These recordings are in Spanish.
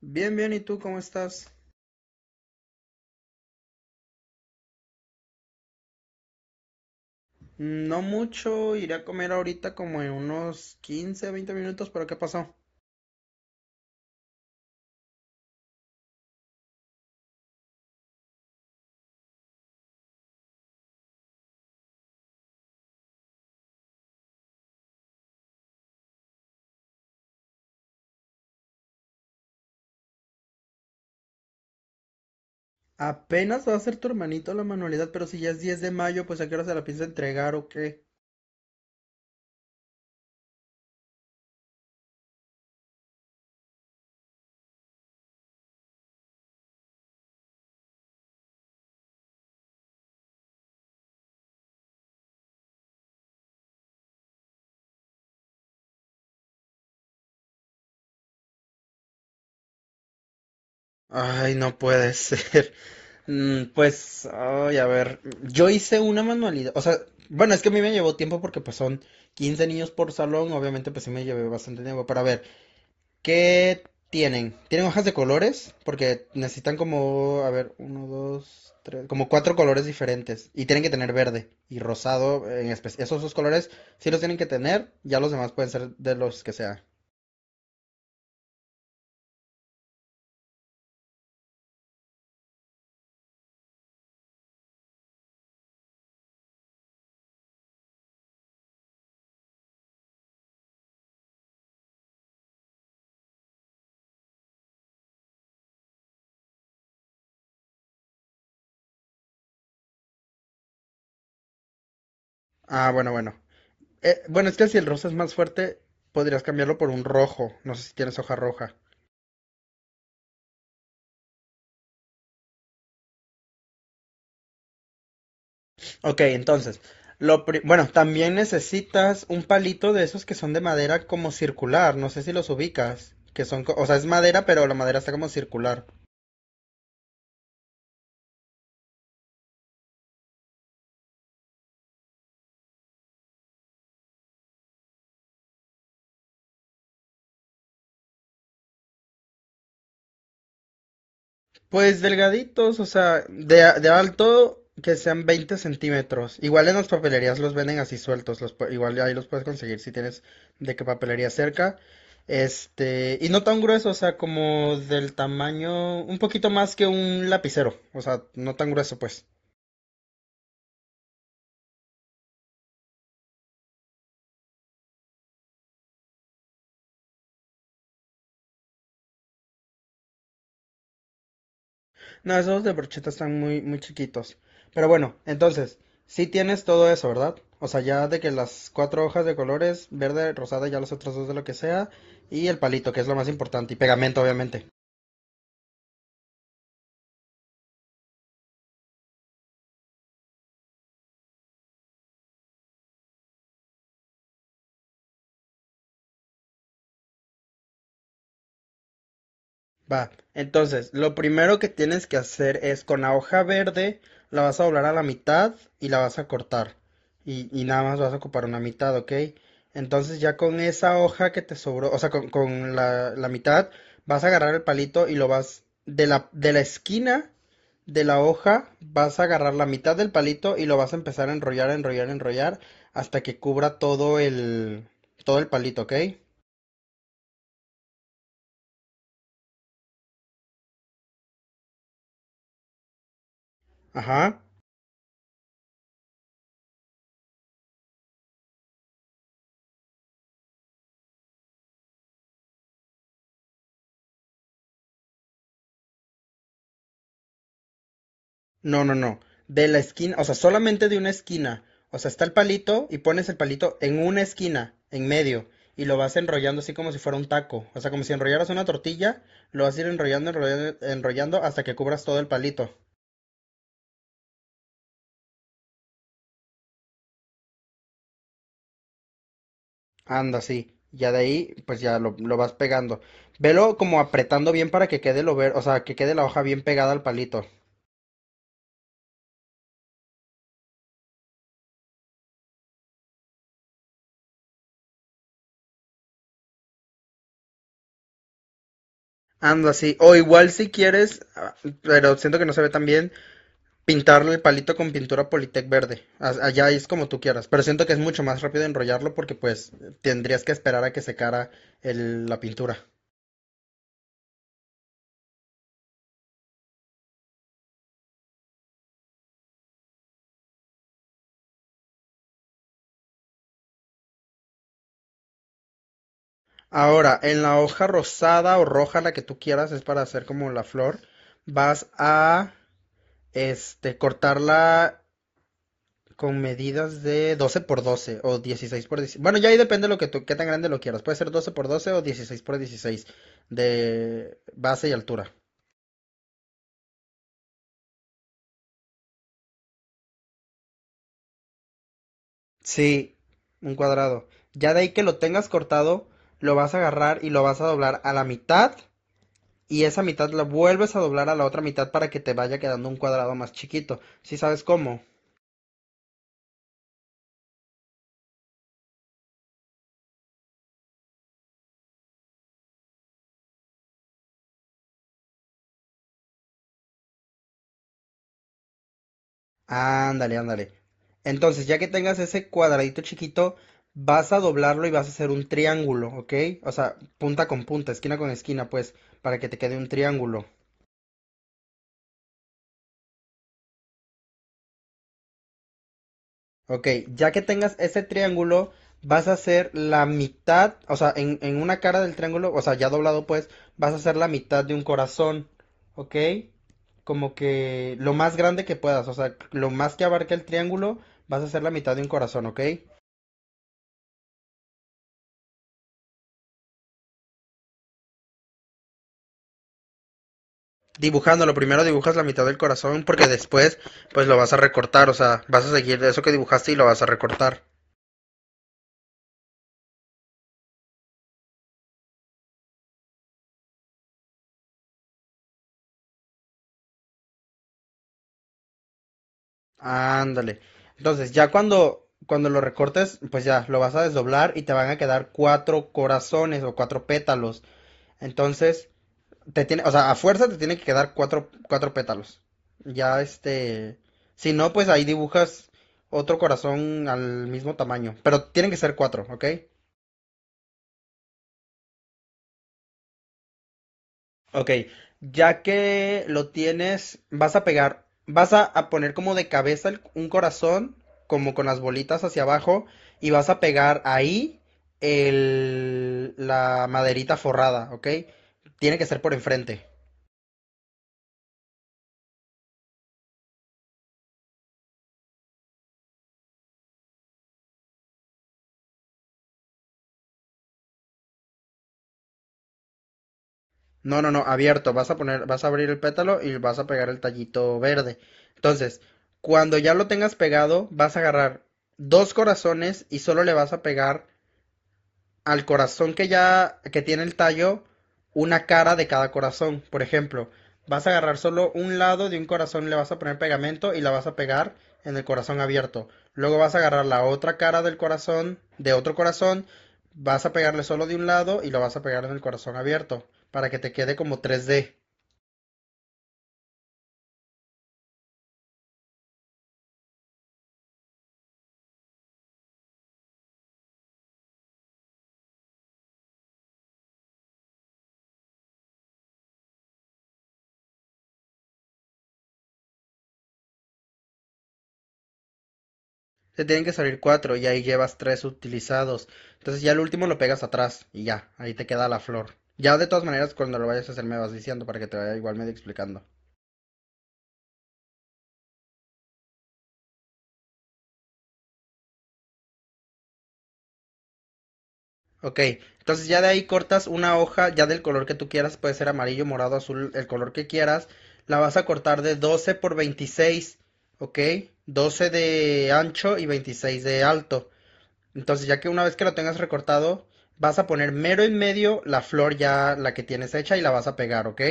Bien, bien, ¿y tú cómo estás? No mucho, iré a comer ahorita como en unos 15, 20 minutos, pero ¿qué pasó? Apenas va a hacer tu hermanito la manualidad, pero si ya es 10 de mayo, pues ¿a qué hora se la piensa entregar o qué? Ay, no puede ser. Pues, ay, a ver, yo hice una manualidad, o sea, bueno, es que a mí me llevó tiempo porque pues son 15 niños por salón, obviamente pues sí me llevé bastante tiempo, pero a ver, ¿qué tienen? ¿Tienen hojas de colores? Porque necesitan como, a ver, uno, dos, tres, como cuatro colores diferentes. Y tienen que tener verde y rosado en especial. Esos dos colores sí los tienen que tener, ya los demás pueden ser de los que sea. Ah, bueno, bueno. Bueno, es que si el rosa es más fuerte, podrías cambiarlo por un rojo. No sé si tienes hoja roja. Ok, entonces, bueno, también necesitas un palito de esos que son de madera como circular. No sé si los ubicas. Que son, o sea, es madera, pero la madera está como circular. Pues delgaditos, o sea, de alto que sean 20 centímetros. Igual en las papelerías los venden así sueltos, igual ahí los puedes conseguir si tienes de qué papelería cerca. Y no tan grueso, o sea, como del tamaño, un poquito más que un lapicero, o sea, no tan grueso, pues. No, esos de brocheta están muy, muy chiquitos. Pero bueno, entonces, sí tienes todo eso, ¿verdad? O sea, ya de que las cuatro hojas de colores, verde, rosada, ya las otras dos de lo que sea, y el palito, que es lo más importante, y pegamento, obviamente. Va, entonces lo primero que tienes que hacer es con la hoja verde la vas a doblar a la mitad y la vas a cortar. Y nada más vas a ocupar una mitad, ¿ok? Entonces ya con esa hoja que te sobró, o sea, con la mitad, vas a agarrar el palito y lo vas de la esquina de la hoja, vas a agarrar la mitad del palito y lo vas a empezar a enrollar, enrollar, enrollar hasta que cubra todo el palito, ¿ok? Ajá. No, no, no. De la esquina, o sea, solamente de una esquina. O sea, está el palito y pones el palito en una esquina, en medio, y lo vas enrollando así como si fuera un taco. O sea, como si enrollaras una tortilla, lo vas a ir enrollando, enrollando, enrollando hasta que cubras todo el palito. Anda, sí. Ya de ahí, pues ya lo vas pegando. Velo como apretando bien para que quede o sea, que quede la hoja bien pegada al palito. Anda, sí. O igual si quieres, pero siento que no se ve tan bien, pintarlo el palito con pintura Politec verde. Allá es como tú quieras. Pero siento que es mucho más rápido enrollarlo porque pues tendrías que esperar a que secara la pintura. Ahora, en la hoja rosada o roja, la que tú quieras, es para hacer como la flor. Vas a cortarla con medidas de 12 por 12 o 16 por 16. Bueno, ya ahí depende lo que tú, qué tan grande lo quieras. Puede ser 12 por 12 o 16 por 16 de base y altura. Sí, un cuadrado. Ya de ahí que lo tengas cortado, lo vas a agarrar y lo vas a doblar a la mitad y esa mitad la vuelves a doblar a la otra mitad para que te vaya quedando un cuadrado más chiquito. ¿Sí sabes cómo? Ándale, ándale. Entonces, ya que tengas ese cuadradito chiquito, vas a doblarlo y vas a hacer un triángulo, ¿ok? O sea, punta con punta, esquina con esquina, pues, para que te quede un triángulo. Ok, ya que tengas ese triángulo, vas a hacer la mitad, o sea, en una cara del triángulo, o sea, ya doblado pues, vas a hacer la mitad de un corazón, ¿ok? Como que lo más grande que puedas, o sea, lo más que abarque el triángulo, vas a hacer la mitad de un corazón, ¿ok? Dibujándolo, primero dibujas la mitad del corazón porque después, pues lo vas a recortar, o sea, vas a seguir eso que dibujaste y lo vas a recortar. Ándale. Entonces, ya cuando lo recortes, pues ya lo vas a desdoblar y te van a quedar cuatro corazones o cuatro pétalos. Entonces, te tiene, o sea, a fuerza te tiene que quedar cuatro pétalos. Ya si no, pues ahí dibujas otro corazón al mismo tamaño, pero tienen que ser cuatro, ¿ok? Ok, ya que lo tienes, vas a pegar, a poner como de cabeza un corazón, como con las bolitas hacia abajo, y vas a pegar ahí la maderita forrada, ¿ok? Tiene que ser por enfrente. No, no, no, abierto. Vas a abrir el pétalo y vas a pegar el tallito verde. Entonces, cuando ya lo tengas pegado, vas a agarrar dos corazones y solo le vas a pegar al corazón que ya que tiene el tallo una cara de cada corazón. Por ejemplo, vas a agarrar solo un lado de un corazón, le vas a poner pegamento y la vas a pegar en el corazón abierto. Luego vas a agarrar la otra cara del corazón, de otro corazón, vas a pegarle solo de un lado y lo vas a pegar en el corazón abierto para que te quede como tres d. Te tienen que salir cuatro y ahí llevas tres utilizados. Entonces ya el último lo pegas atrás y ya, ahí te queda la flor. Ya de todas maneras, cuando lo vayas a hacer me vas diciendo para que te vaya igual medio explicando. Ok, entonces ya de ahí cortas una hoja, ya del color que tú quieras, puede ser amarillo, morado, azul, el color que quieras. La vas a cortar de 12 por 26, ok, 12 de ancho y 26 de alto. Entonces ya que una vez que lo tengas recortado, vas a poner mero en medio la flor ya, la que tienes hecha y la vas a pegar, ok.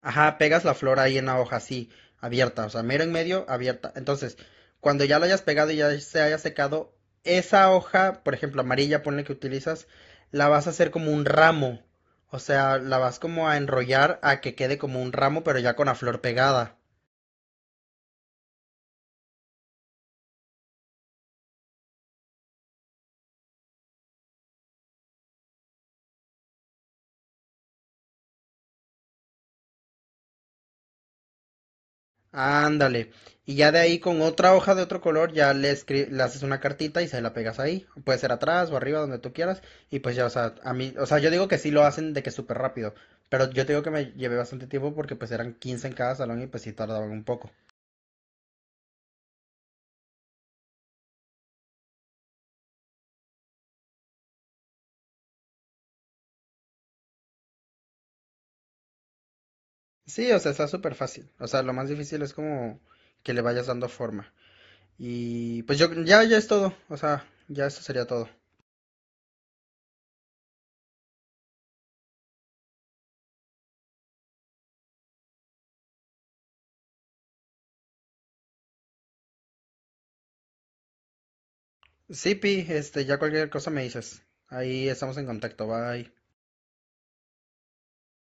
Ajá, pegas la flor ahí en la hoja, así, abierta, o sea, mero en medio, abierta. Entonces, cuando ya lo hayas pegado y ya se haya secado, esa hoja, por ejemplo, amarilla, ponle que utilizas, la vas a hacer como un ramo. O sea, la vas como a enrollar a que quede como un ramo, pero ya con la flor pegada. Ándale. Y ya de ahí con otra hoja de otro color ya le haces una cartita y se la pegas ahí. Puede ser atrás o arriba, donde tú quieras. Y pues ya, o sea, a mí, o sea, yo digo que sí lo hacen de que súper rápido. Pero yo te digo que me llevé bastante tiempo porque pues eran 15 en cada salón y pues sí tardaban un poco. Sí, o sea, está súper fácil. O sea, lo más difícil es como que le vayas dando forma. Y pues yo, ya, ya es todo. O sea, ya eso sería todo. Sí, Pi, ya cualquier cosa me dices. Ahí estamos en contacto. Bye.